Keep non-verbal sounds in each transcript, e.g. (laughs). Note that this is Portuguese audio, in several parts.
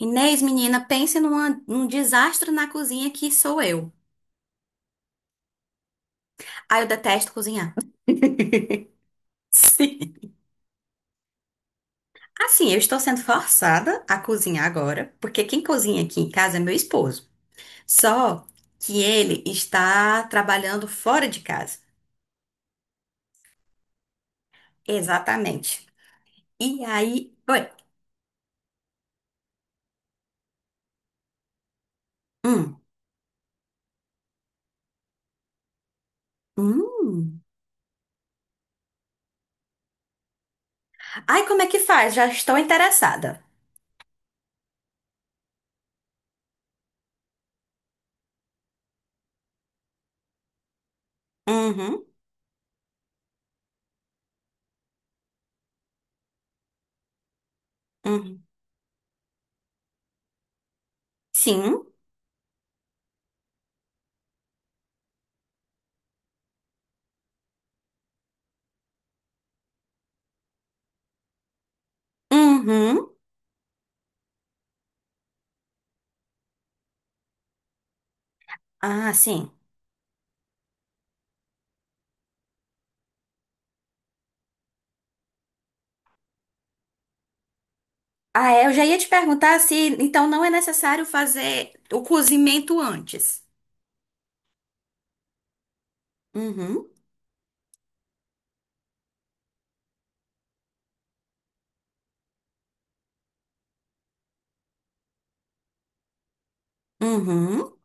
Inês, menina, pense num desastre na cozinha que sou eu. Ah, eu detesto cozinhar. (laughs) Sim. Assim, eu estou sendo forçada a cozinhar agora, porque quem cozinha aqui em casa é meu esposo. Só que ele está trabalhando fora de casa. Exatamente. E aí. Oi. Hum. Hum. Ai, como é que faz? Já estou interessada. Uhum. Uhum. Sim. Uhum. Ah, sim. Ah, é, eu já ia te perguntar se então não é necessário fazer o cozimento antes. Uhum, uhum.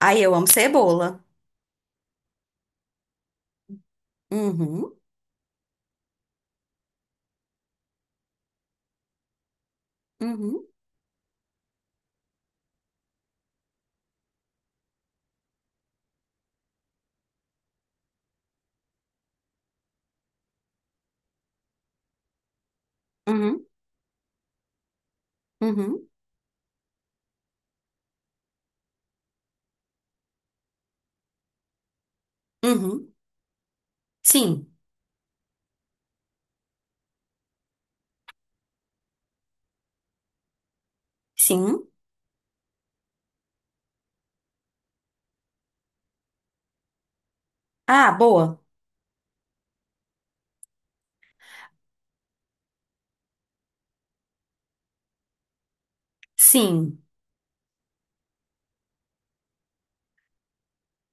Aí eu amo cebola. Uhum, uhum, uhum, uhum, uhum. Sim, sim. Ah, boa. Sim.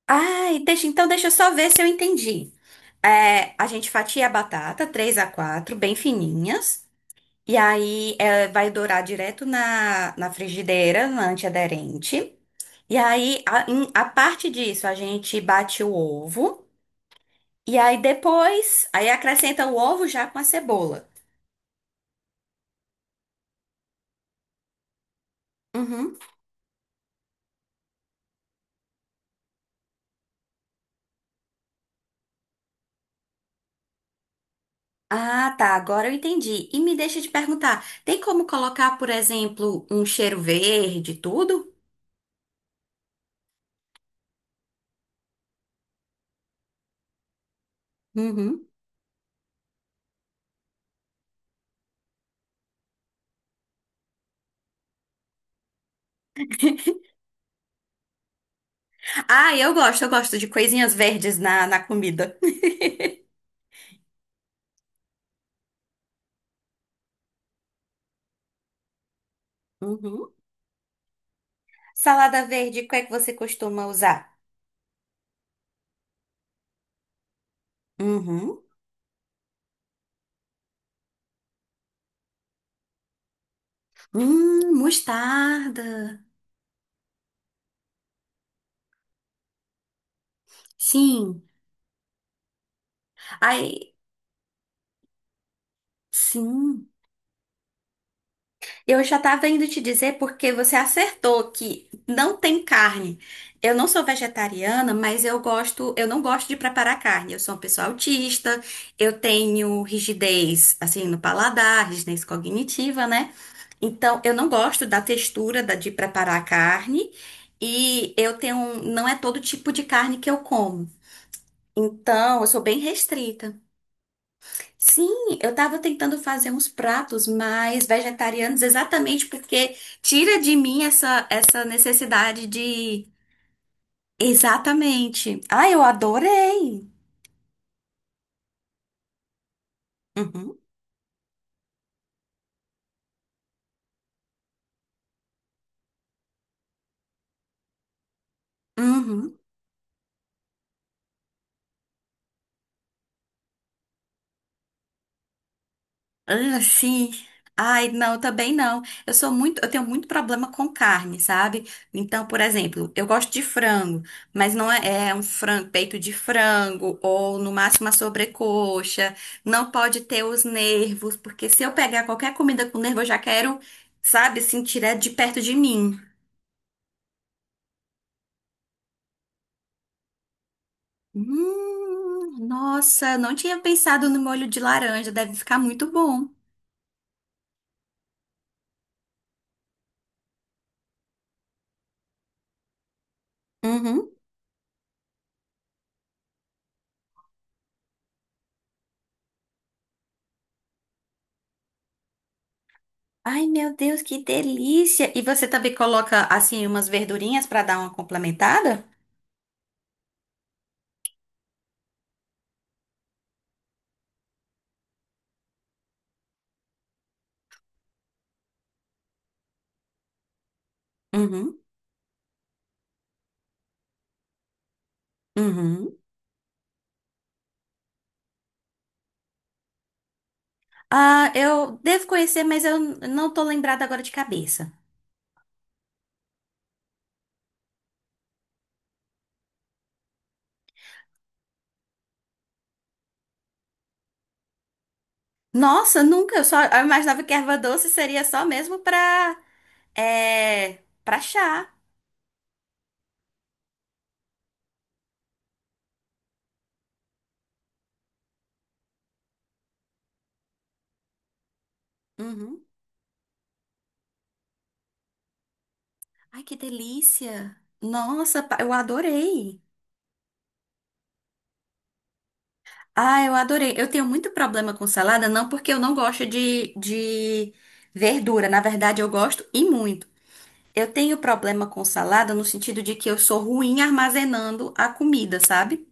Ai, deixa, então deixa eu só ver se eu entendi. É, a gente fatia a batata, três a quatro, bem fininhas. E aí é, vai dourar direto na frigideira, na antiaderente. E aí, a parte disso, a gente bate o ovo. E aí depois, aí acrescenta o ovo já com a cebola. Uhum. Ah, tá, agora eu entendi. E me deixa te perguntar, tem como colocar, por exemplo, um cheiro verde, e tudo? Uhum. Ah, eu gosto de coisinhas verdes na comida. Uhum. Salada verde, qual é que você costuma usar? Uhum. Mostarda. Sim. Aí, sim. Eu já estava indo te dizer porque você acertou que não tem carne. Eu não sou vegetariana, mas eu gosto, eu não gosto de preparar carne. Eu sou uma pessoa autista, eu tenho rigidez assim no paladar, rigidez cognitiva, né? Então, eu não gosto da textura de preparar a carne e eu tenho, não é todo tipo de carne que eu como. Então, eu sou bem restrita. Sim, eu estava tentando fazer uns pratos mais vegetarianos, exatamente porque tira de mim essa, essa necessidade de. Exatamente. Ah, eu adorei! Uhum. Uhum. Ah, sim. Ai, não, também não. Eu sou muito, eu tenho muito problema com carne, sabe? Então, por exemplo, eu gosto de frango, mas não é, é um frango, peito de frango ou no máximo a sobrecoxa. Não pode ter os nervos, porque se eu pegar qualquer comida com nervo, eu já quero, sabe, assim, tirar de perto de mim. Nossa, não tinha pensado no molho de laranja, deve ficar muito bom. Uhum. Ai, meu Deus, que delícia! E você também coloca, assim, umas verdurinhas para dar uma complementada? Uhum, uhum. Ah, eu devo conhecer, mas eu não tô lembrada agora de cabeça. Nossa, nunca. Eu só eu imaginava que erva doce seria só mesmo pra, é, pra chá. Uhum. Ai, que delícia! Nossa, eu adorei. Ah, eu adorei. Eu tenho muito problema com salada, não porque eu não gosto de verdura. Na verdade, eu gosto e muito. Eu tenho problema com salada no sentido de que eu sou ruim armazenando a comida, sabe?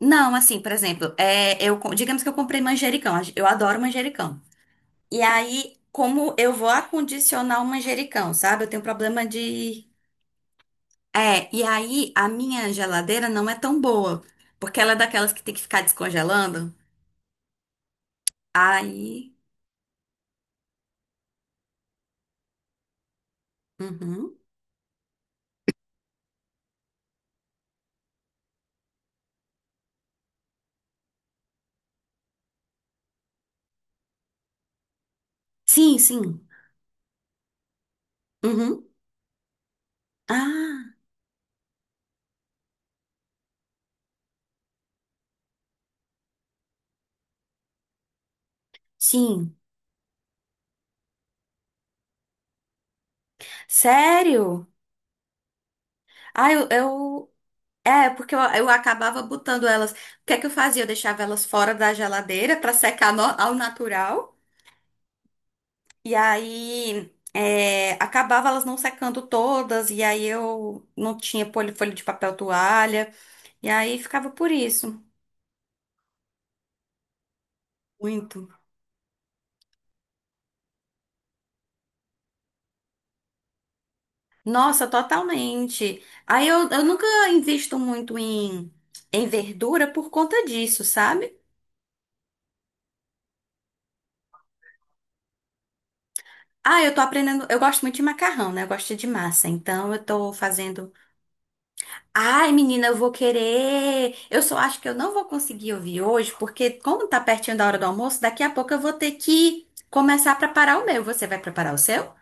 Não, assim, por exemplo, é, eu, digamos que eu comprei manjericão, eu adoro manjericão. E aí, como eu vou acondicionar o manjericão, sabe? Eu tenho problema de. É, e aí a minha geladeira não é tão boa, porque ela é daquelas que tem que ficar descongelando. Aí. Uhum. Sim, sim. Uhum. Ah, sim. Sério? Ah, eu. É, porque eu acabava botando elas. O que é que eu fazia? Eu deixava elas fora da geladeira para secar ao natural. E aí é, acabava elas não secando todas. E aí eu não tinha folha de papel toalha. E aí ficava por isso. Muito. Nossa, totalmente. Aí eu nunca invisto muito em, em verdura por conta disso, sabe? Ah, eu tô aprendendo. Eu gosto muito de macarrão, né? Eu gosto de massa. Então eu tô fazendo. Ai, menina, eu vou querer. Eu só acho que eu não vou conseguir ouvir hoje, porque como tá pertinho da hora do almoço, daqui a pouco eu vou ter que começar a preparar o meu. Você vai preparar o seu?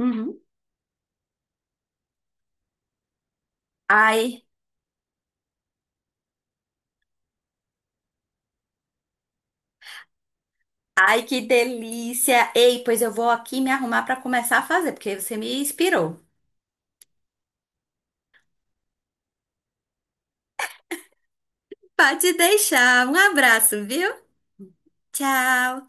Uhum. Ai, ai, que delícia! Ei, pois eu vou aqui me arrumar pra começar a fazer, porque você me inspirou. Pode deixar. Um abraço, viu? Tchau.